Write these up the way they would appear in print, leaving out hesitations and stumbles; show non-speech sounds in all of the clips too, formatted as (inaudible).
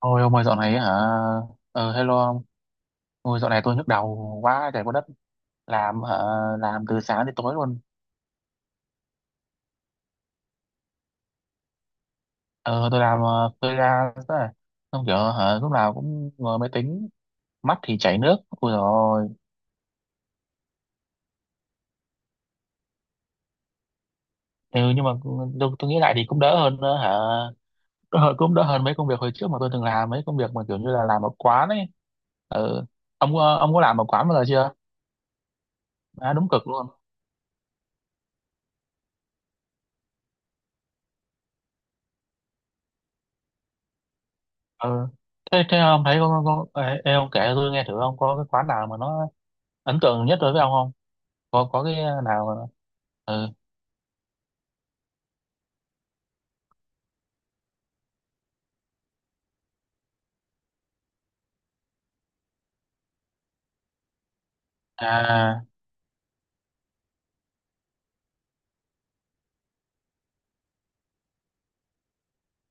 Ôi ông ơi, dạo này hả? Hello ông. Ôi dạo này tôi nhức đầu quá trời quá đất. Làm hả? Làm từ sáng đến tối luôn. Ờ tôi làm freelance đấy. Xong kiểu hả, lúc nào cũng ngồi máy tính. Mắt thì chảy nước. Ôi dồi ôi. Ừ, nhưng mà tôi nghĩ lại thì cũng đỡ hơn cũng đỡ hơn mấy công việc hồi trước mà tôi từng làm. Mấy công việc mà kiểu như là làm ở quán ấy. Ừ. Ông có làm ở quán bao giờ chưa? À đúng, cực luôn. Ừ. Thế ông thấy ông kể tôi nghe thử ông có cái quán nào mà nó ấn tượng nhất đối với ông không? Có có cái nào mà- Ừ. À,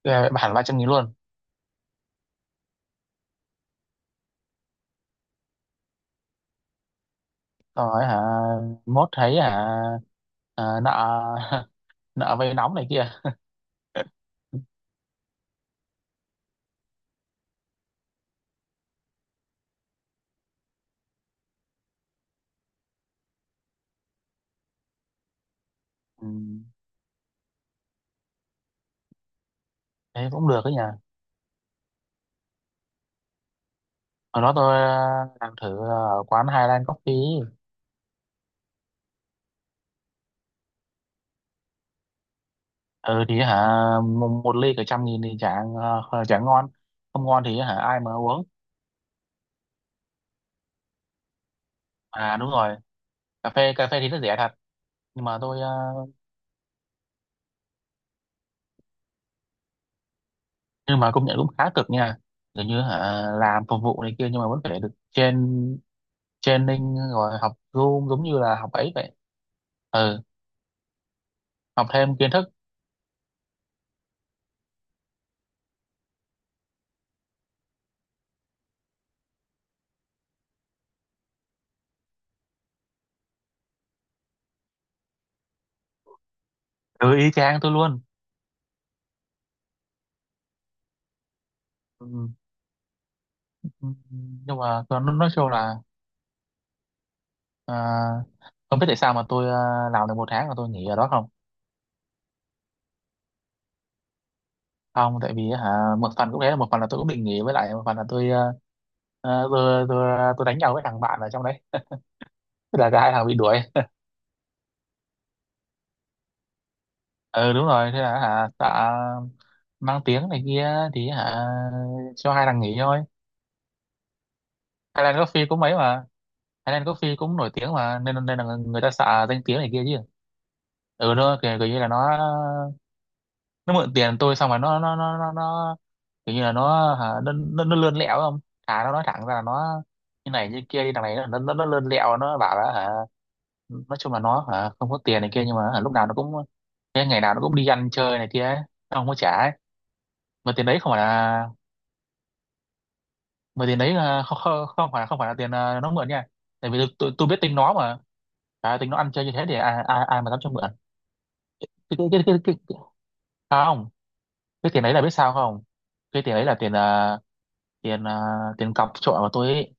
cái bản 300.000 luôn? Rồi hả? Mốt thấy hả? À, nợ. (laughs) Nợ vay nóng này kia. Ừ, thế cũng được đấy nhỉ. Hồi đó tôi làm thử ở quán Highland Coffee. Ừ thì hả, một ly cả 100.000 thì chả chả ngon. Không ngon thì hả ai mà uống. À đúng rồi, cà phê thì rất rẻ thật. Nhưng mà tôi nhưng mà công nhận cũng khá cực nha. Kiểu như hả làm phục vụ này kia, nhưng mà vẫn phải được training, rồi học Zoom giống như là học ấy vậy. Ừ, học thêm kiến thức. Ừ, y chang tôi luôn. Ừ. Nhưng mà tôi nói chung là à, không biết tại sao mà tôi làm được một tháng là tôi nghỉ ở đó. Không, không tại vì hả, một phần cũng thế, một phần là tôi cũng định nghỉ, với lại một phần là tôi tôi đánh nhau với thằng bạn ở trong đấy. Thế là cả hai thằng bị đuổi. Ừ đúng rồi, thế là hả, tạ mang tiếng này kia thì hả cho hai thằng nghỉ thôi. Highland Coffee cũng mấy mà, Highland Coffee cũng nổi tiếng mà, nên nên là người ta xạ danh tiếng này kia chứ. Ừ, nó kiểu như là nó mượn tiền tôi xong rồi nó kiểu như là nó hả nó lươn lẹo không. Thà nó nói thẳng ra là nó như này như kia đi. Thằng này nó nó lươn lẹo, nó bảo là hả nói chung là nó hả không có tiền này kia, nhưng mà hả lúc nào nó cũng ngày nào nó cũng đi ăn chơi này kia ấy. Nó không có trả ấy. Mà tiền đấy không phải là mà tiền đấy là không phải là tiền nó mượn nha. Tại vì tôi biết tính nó mà. À, tính nó ăn chơi như thế thì ai ai, ai mà dám cho mượn. Cái, à, không Cái tiền đấy là biết sao không? Cái tiền đấy là tiền à, tiền cọc trọ của tôi ấy.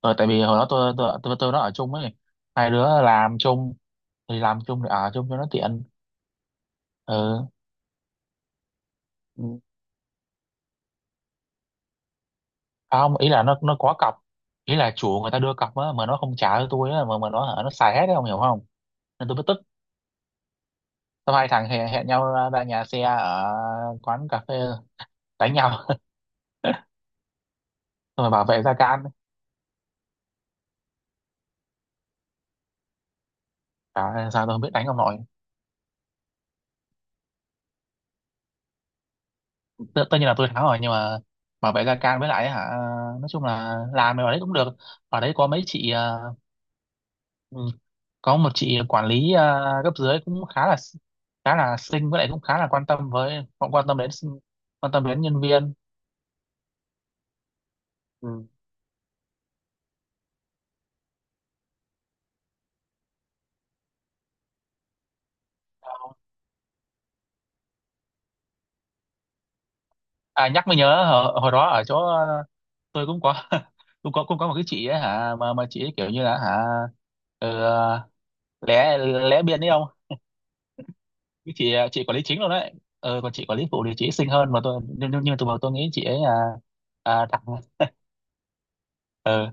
Ờ, tại vì hồi đó tôi nó ở chung ấy. Hai đứa làm chung thì ở chung cho nó tiện. Ừ. Ừ. À không, ý là nó có cọc, ý là chủ người ta đưa cọc á mà nó không trả cho tôi á, mà nó xài hết đấy, không hiểu không. Nên tôi mới tức. Xong hai thằng hẹn nhau ra nhà xe ở quán cà phê đánh nhau, xong rồi bảo vệ Gia Can. Trời ơi, sao tôi không biết đánh ông nội. Tất nhiên là tôi thắng rồi, nhưng mà bảo vệ Gia Can với lại hả nói chung là làm ở đấy cũng được. Ở đấy có mấy chị ừ, có một chị quản lý cấp dưới cũng khá là xinh với lại cũng khá là quan tâm với quan tâm đến quan tâm đến nhân viên. Ừ. À nhắc mới nhớ, hồi đó ở chỗ tôi cũng có (laughs) cũng có một cái chị ấy hả, mà chị ấy kiểu như là hả ờ, lé, lé biên đấy không. Cái chị quản lý chính luôn đấy. Ờ còn chị quản lý phụ thì chị ấy xinh hơn mà tôi nhưng mà tôi bảo tôi nghĩ chị ấy đặc. Ờ.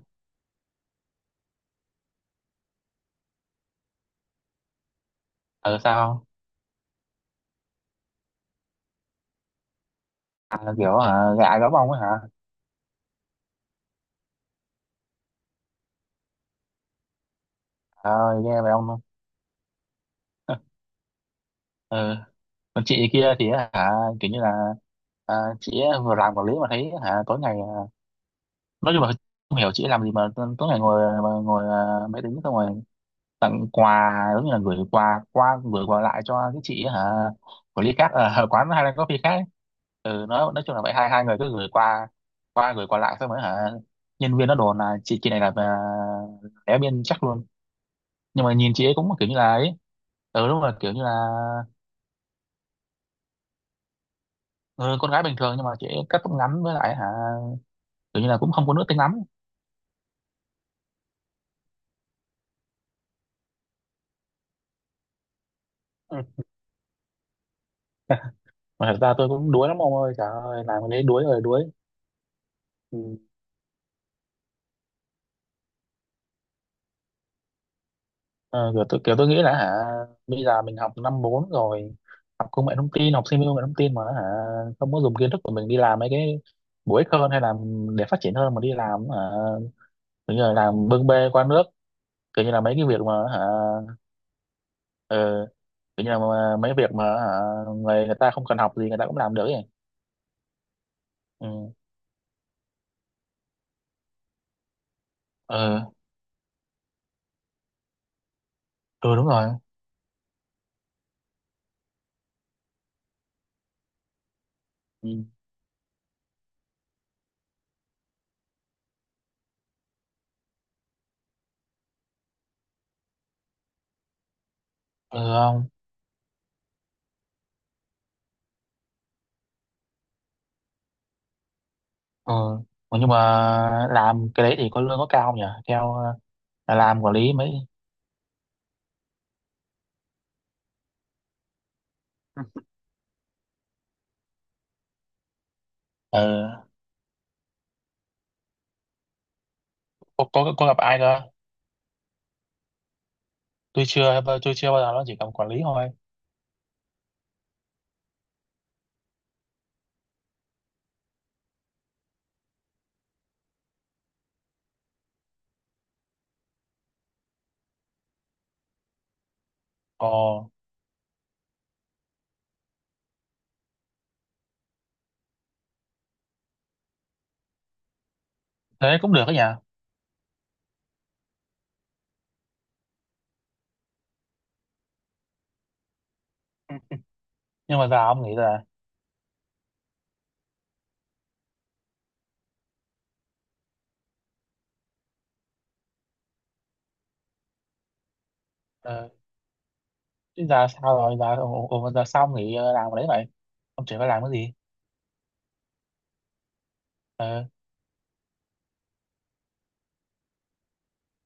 Ờ sao? À, kiểu hả gạ gẫm ông ấy hả? Trời ơi nghe về ông luôn. (laughs) Ờ còn chị kia thì hả kiểu như là à, chị ấy vừa làm quản lý mà thấy hả tối ngày nói chung là không hiểu chị ấy làm gì mà tối ngày ngồi mà ngồi máy tính xong rồi tặng quà giống như là gửi quà qua gửi quà lại cho cái chị ấy hả của ly khác ở (laughs) quán Highland Coffee khác ấy. Ừ, nói chung là vậy, hai hai người cứ gửi quà qua gửi quà lại xong rồi hả nhân viên nó đồn là chị này là đéo biên chắc luôn. Nhưng mà nhìn chị ấy cũng kiểu như là ấy. Ừ đúng rồi, kiểu như là ừ, con gái bình thường nhưng mà chị ấy cắt tóc ngắn với lại hả kiểu như là cũng không có nữ tính lắm. Ừ. Mà thật ra tôi cũng đuối lắm ông ơi, trời ơi làm cái đấy đuối rồi đuối. Ừ. Ờ, kiểu tôi nghĩ là hả bây giờ mình học năm 4 rồi, học công nghệ thông tin, học sinh công nghệ thông tin mà hả không có dùng kiến thức của mình đi làm mấy cái bổ ích hơn, hay là để phát triển hơn, mà đi làm hả kiểu như là làm bưng bê qua nước, kiểu như là mấy cái việc mà hả ờ, kiểu như là mấy việc mà hả người người ta không cần học gì người ta cũng làm được ấy. Ừ. Ừ. Ừ đúng rồi. Ừ. Ừ không. Ừ. Ủa, nhưng mà làm cái đấy thì có lương có cao không nhỉ theo làm quản lý mấy. Ừ. Cô, có gặp ai cơ? Tôi chưa, tôi chưa bao giờ, nó chỉ cầm quản lý thôi. Ồ, thế cũng được đó nhỉ. Ừ. Nhưng mà giờ ông nghĩ là ờ, chứ giờ sao rồi, giờ ồ, ồ, giờ sao ông nghĩ làm cái đấy vậy? Ông chỉ phải làm cái gì? Ờ,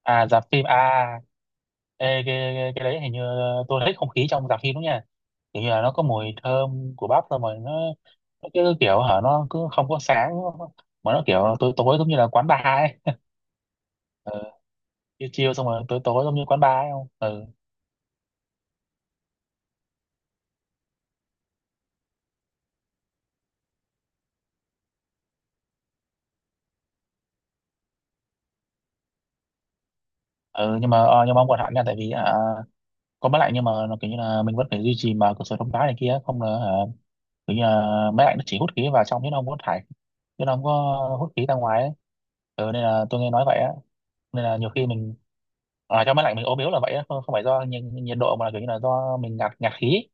à dạp phim à. Ê, cái đấy hình như tôi thích không khí trong dạp phim đúng nha. Kiểu như là nó có mùi thơm của bắp xong rồi nó cứ kiểu hả nó cứ không có sáng mà nó kiểu tối tối giống như là quán bar ấy. Ờ, chiều chiều xong rồi tối tối giống như quán bar ấy không? Ừ. Ừ, nhưng mà nhưng mà ông còn hạn nha, tại vì có máy lạnh nhưng mà nó kiểu như là mình vẫn phải duy trì mà cửa sổ thông thoáng này kia, không là hả kiểu như là máy lạnh nó chỉ hút khí vào trong chứ nó không có thải chứ nó không có hút khí ra ngoài ấy. Ừ, nên là tôi nghe nói vậy á, nên là nhiều khi mình ở trong máy lạnh mình ốm yếu là vậy á, không phải do nhiệt độ mà là kiểu như là do mình ngạt ngạt khí.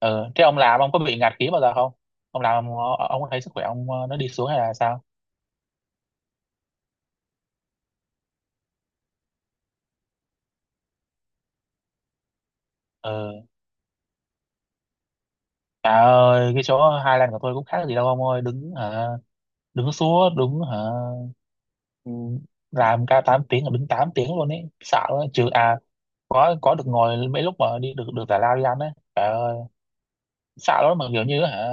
Ừ. Thế ông làm ông có bị ngạt khí bao giờ không? Ông có thấy sức khỏe ông nó đi xuống hay là sao. Ừ. Trời ơi cái chỗ Highland của tôi cũng khác gì đâu ông ơi, đứng hả, đứng suốt, đứng hả. Ừ, làm ca 8 tiếng, ở đứng 8 tiếng luôn ấy, sợ quá trừ à. Có được ngồi mấy lúc mà đi được được giải lao đi ăn đấy. Trời ơi sợ lắm, mà kiểu như hả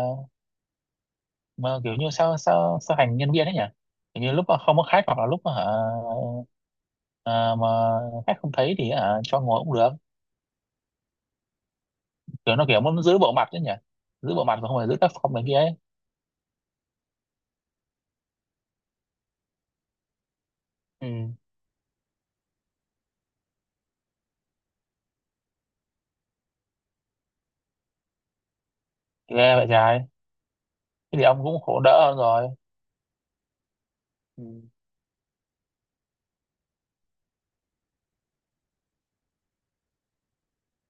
mà kiểu như sao sao sao hành nhân viên ấy nhỉ, kiểu như lúc mà không có khách hoặc là lúc mà hả à, mà khách không thấy thì hả cho ngồi cũng được. Kiểu nó kiểu muốn giữ bộ mặt đấy nhỉ, giữ bộ mặt mà không phải giữ tác phong này kia ấy. Ừ. Ghê vậy trời. Thế thì ông cũng khổ đỡ hơn rồi. Ừ.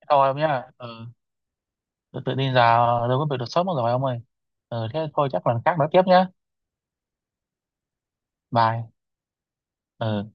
Thôi ông nhá. Ừ. tự Tự tin giờ đâu có việc đột xuất mất rồi ông ơi. Ừ thế thôi, chắc lần khác nói tiếp nhá. Bye. Ờ.